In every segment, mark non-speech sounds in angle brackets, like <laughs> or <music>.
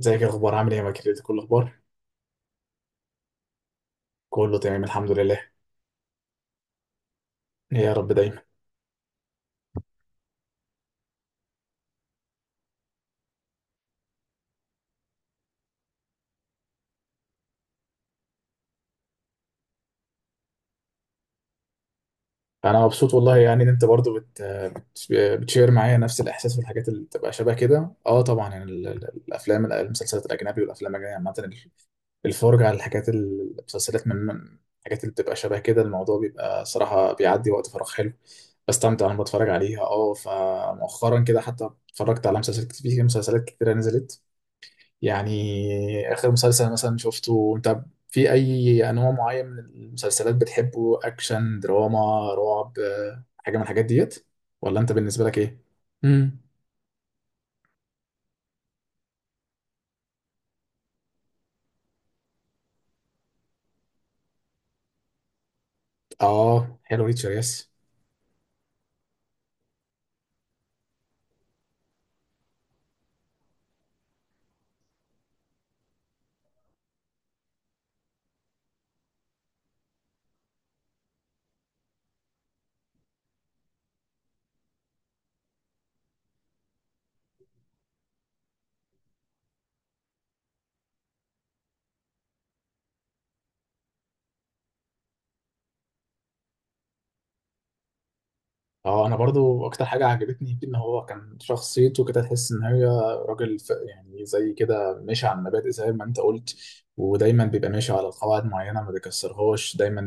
ازيك يا اخبار، عامل ايه، يا كده كل الاخبار. كله تمام الحمد لله. ايه، يا رب دايما. انا مبسوط والله، يعني ان انت برضو بتشير معايا نفس الاحساس والحاجات اللي بتبقى شبه كده. اه طبعا، يعني الافلام المسلسلات الاجنبي والافلام الاجنبيه عامه، الفرجه على الحاجات، المسلسلات من الحاجات اللي بتبقى شبه كده. الموضوع بيبقى صراحه بيعدي وقت فراغ حلو، بستمتع وانا بتفرج عليها، اه. فمؤخرا كده حتى اتفرجت على مسلسلات كتير، مسلسلات كتيره نزلت. يعني آخر مسلسل مثلا شفته أنت؟ في أي أنواع معين من المسلسلات بتحبه، أكشن دراما رعب، حاجة من الحاجات ديت، ولا أنت بالنسبة لك إيه؟ امم آه، حلو، ريتشارد يس. اه، انا برضو اكتر حاجه عجبتني فيه ان هو كان شخصيته كده تحس ان هي راجل، يعني زي كده ماشي على المبادئ زي ما انت قلت. ودايما بيبقى ماشي على قواعد معينه، ما بيكسرهاش دايما.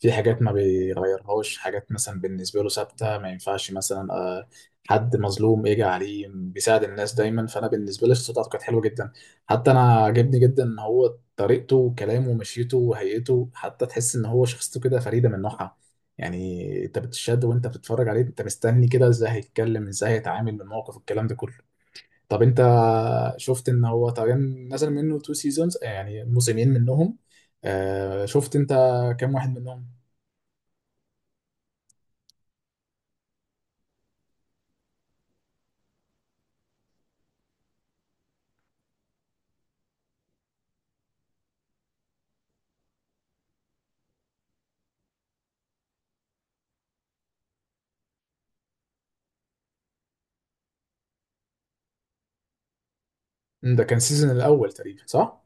في حاجات ما بيغيرهاش، حاجات مثلا بالنسبه له ثابته، ما ينفعش مثلا حد مظلوم يجي عليه، بيساعد الناس دايما. فانا بالنسبه لي شخصيته كانت حلوه جدا. حتى انا عجبني جدا ان هو طريقته وكلامه ومشيته وهيئته، حتى تحس ان هو شخصيته كده فريده من نوعها. يعني انت بتشد وانت بتتفرج عليه، انت مستني كده ازاي هيتكلم، ازاي هيتعامل من الموقف، الكلام ده كله. طب انت شفت ان هو تقريبا نزل منه تو سيزونز، يعني موسمين منهم. آه، شفت انت كام واحد منهم؟ ده كان سيزون الاول تقريبا صح.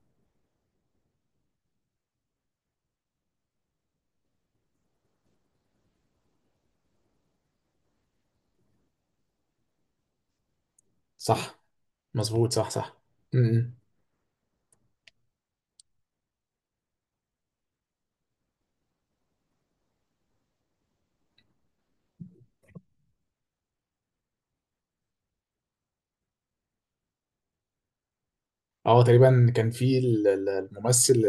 صح مظبوط، صح صح. امم اه تقريبا كان في الممثل،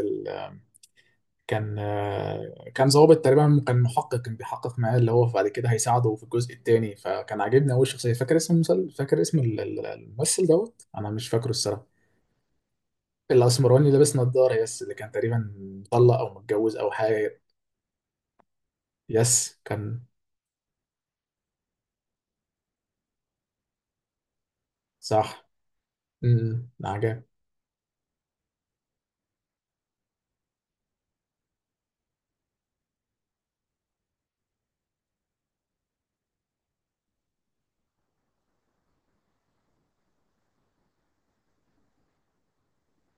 كان كان ظابط تقريبا، كان محقق، كان بيحقق معاه اللي هو بعد كده هيساعده في الجزء الثاني، فكان عاجبني قوي الشخصيه. فاكر اسم فاكر اسم الممثل دوت؟ انا مش فاكره الصراحه. الاسمراني اللي لابس نضاره، يس، اللي كان تقريبا مطلق او متجوز او حاجه. يس كان. صح. عجب.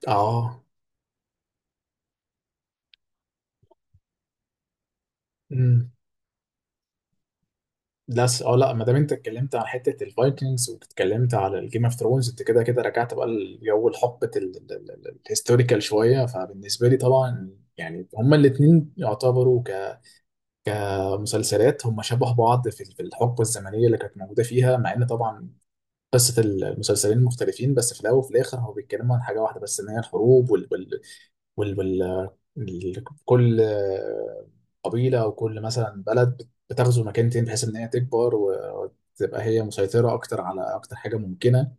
اه. امم لا، اه لا، ما دام انت اتكلمت عن حته الفايكنجز واتكلمت على الجيم اوف ثرونز، انت كده كده رجعت بقى الجو لحقبه الهيستوريكال شويه. فبالنسبه لي طبعا، يعني هما الاثنين يعتبروا كمسلسلات هما شبه بعض، في الحقبه الزمنيه اللي كانت موجوده فيها. مع ان طبعا قصه المسلسلين مختلفين، بس في الاول وفي الاخر هو بيتكلموا عن حاجه واحده، بس ان هي الحروب وال وال كل قبيلة أو كل مثلا بلد بتغزو مكانتين بحيث إن هي تكبر وتبقى هي مسيطرة أكتر على أكتر حاجة ممكنة.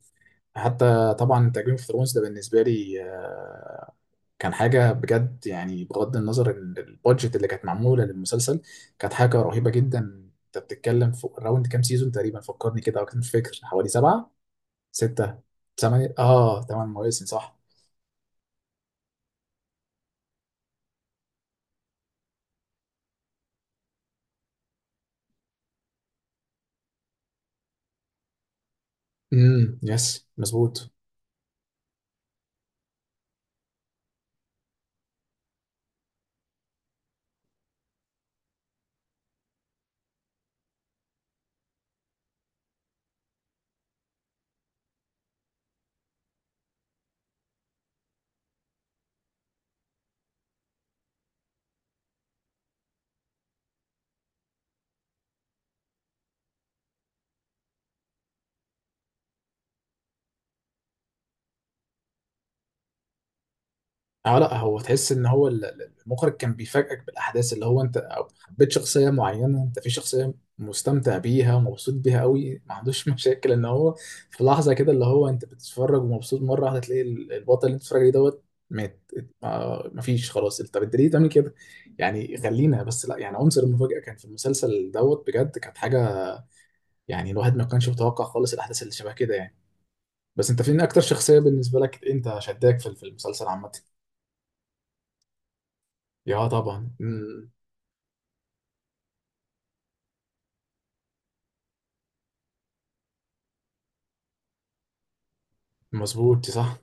حتى طبعا تجربة اوف ثرونز ده بالنسبة لي كان حاجة بجد. يعني بغض النظر إن البادجت اللي كانت معمولة للمسلسل كانت حاجة رهيبة جدا. أنت بتتكلم في راوند كام سيزون تقريبا، فكرني كده أكتر، مش فاكر، حوالي سبعة. ستة، ثمانية، آه تمن مواسم صح. يس مظبوط. اه لا، هو تحس ان هو المخرج كان بيفاجئك بالاحداث اللي هو انت أو حبيت شخصيه معينه، انت في شخصيه مستمتع بيها ومبسوط بيها قوي، ما عندوش <laughs> مشاكل ان هو في لحظه كده اللي هو انت بتتفرج ومبسوط، مره واحده تلاقي البطل اللي انت بتتفرج عليه دوت مات. آه، مفيش خلاص. طب انت ليه تعمل كده؟ يعني خلينا بس، لا يعني عنصر المفاجاه كان في المسلسل دوت بجد كانت حاجه، يعني الواحد ما كانش متوقع خالص الاحداث اللي شبه كده، يعني. بس انت فين اكتر شخصيه بالنسبه لك انت شداك في المسلسل عامه؟ يا طبعا. مم. مظبوط، صح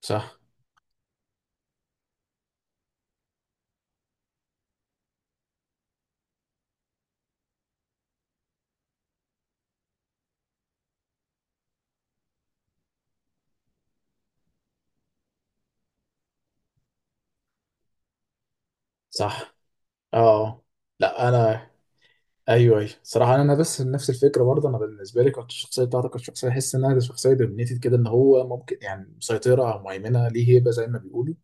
صح. صح. اه لا، انا ايوه ايوه صراحه، انا بس نفس الفكره برضه، انا بالنسبه لي كانت الشخصيه بتاعتي كانت شخصيه احس انها شخصيه دومينيتد كده، ان هو ممكن يعني مسيطره او مهيمنه، ليه هيبه زي ما بيقولوا.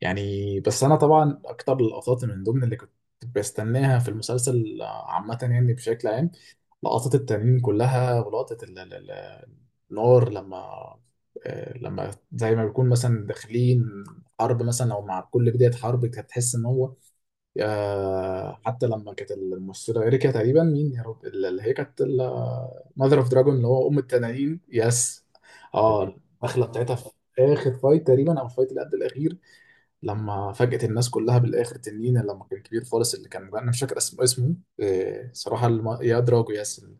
يعني بس انا طبعا اكتر اللقطات من ضمن اللي كنت بستناها في المسلسل عامه، يعني بشكل عام لقطات التنين كلها، ولقطه النار لما لما زي ما بيكون مثلا داخلين حرب مثلا، او مع كل بدايه حرب هتحس ان هو حتى لما كانت الممثله اريكا تقريبا، مين يا رب، اللي هي كانت ماذر اوف دراجون اللي هو ام التنانين، يس. اه الدخله بتاعتها في اخر فايت تقريبا، او الفايت اللي قبل الاخير، لما فاجأت الناس كلها بالاخر تنين لما كان كبير خالص، اللي كان انا مش فاكر اسمه، اسمه صراحه يا دراجو، يس. ال-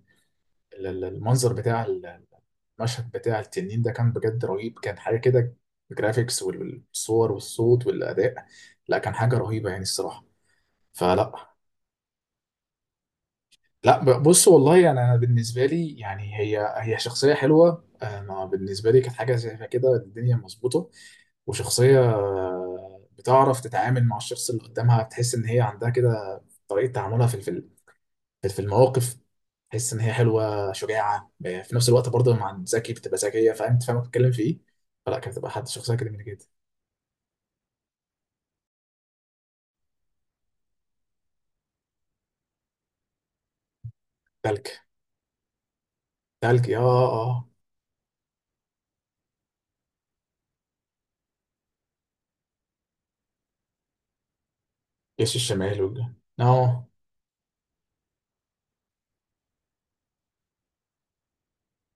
ال- المنظر بتاع المشهد بتاع التنين ده كان بجد رهيب، كان حاجه كده. الجرافيكس والصور والصوت والاداء، لا كان حاجه رهيبه يعني الصراحه. فلا. لا، بص والله، يعني انا بالنسبه لي يعني هي شخصيه حلوه، انا بالنسبه لي كانت حاجه شايفها كده الدنيا مظبوطه. وشخصيه بتعرف تتعامل مع الشخص اللي قدامها، تحس ان هي عندها كده طريقه تعاملها في المواقف، تحس ان هي حلوه شجاعه في نفس الوقت برضه مع ذكي بتبقى ذكيه، فاهم انت، فاهم بتتكلم في ايه. فلا، كانت بتبقى حد شخصيه كده من كده. تلك. تلك، يا اه. جيش الشمال والجنوب. اه.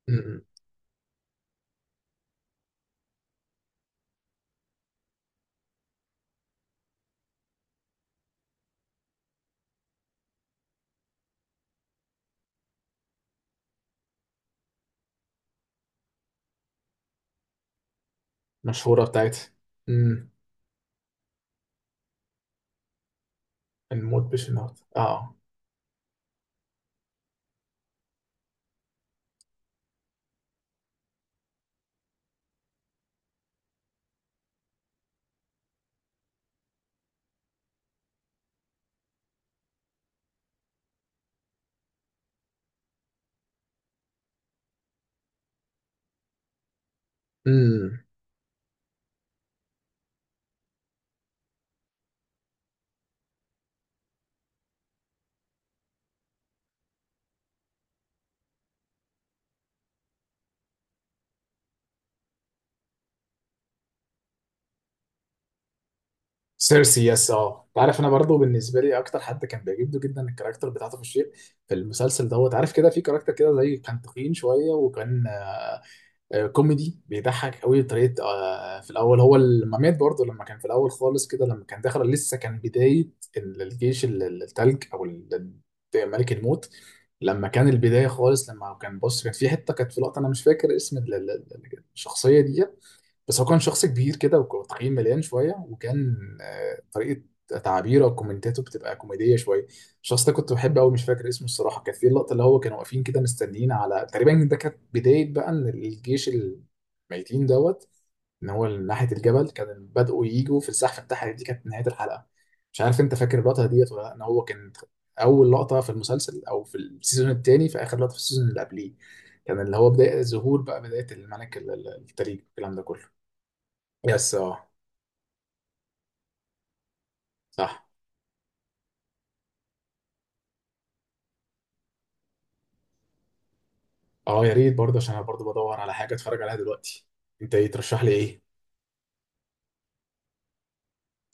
م- م. مشهوره بتاعت. م. الموت بالشنط اه. امم سيرسي، يس. اه، انت عارف انا برضه بالنسبه لي اكتر حد كان بيعجبني جدا الكاركتر بتاعته في الشيء، في المسلسل دوت. عارف كده في كاركتر كده زي كان تخين شويه، وكان كوميدي بيضحك قوي بطريقه، في الاول هو لما مات برضه، لما كان في الاول خالص كده لما كان داخل لسه كان بدايه الجيش التلج، او ملك الموت. لما كان البدايه خالص، لما كان بص كان في حته، كانت في لقطه، انا مش فاكر اسم الشخصيه دي. بس هو كان شخص كبير كده وتخين مليان شويه، وكان طريقه تعابيره وكومنتاته بتبقى كوميديه شويه. الشخص ده كنت بحبه قوي، مش فاكر اسمه الصراحه. كانت في اللقطه اللي هو كانوا واقفين كده مستنيين على تقريبا، ده كانت بدايه بقى ان الجيش الميتين دوت ان هو ناحيه الجبل كان بدأوا يجوا في الزحف بتاعها، دي كانت نهايه الحلقه. مش عارف انت فاكر اللقطه ديت ولا لأ؟ ان هو كان اول لقطه في المسلسل او في السيزون الثاني، في اخر لقطه في السيزون اللي قبليه، كان اللي هو بدايه الظهور بقى، بدايه الملك التلج الكلام ده كله. يس. اه، صح. اه يا ريت برضه، عشان انا برضه بدور على حاجه اتفرج عليها دلوقتي. انت ايه ترشح لي ايه؟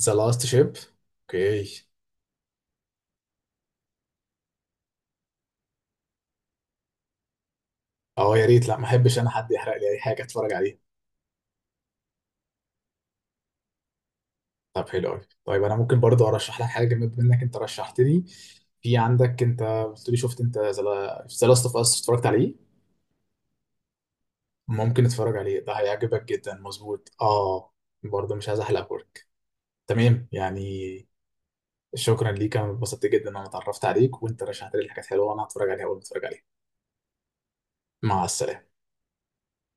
ذا لاست شيب. اوكي. اه يا ريت، لا ما احبش انا حد يحرق لي اي حاجه اتفرج عليها. طب حلو قوي. طيب انا ممكن برضه ارشح لك حاجه بما انك انت رشحت لي. في عندك انت قلت لي، شفت انت ذا لاست اوف اس، اتفرجت عليه؟ ممكن اتفرج عليه، ده هيعجبك جدا مظبوط اه. برضه مش عايز احلق بورك، تمام يعني. شكرا ليك، انا اتبسطت جدا ان انا اتعرفت عليك، وانت رشحت لي حاجات حلوه وانا هتفرج عليها اول ما اتفرج عليها. مع السلامة.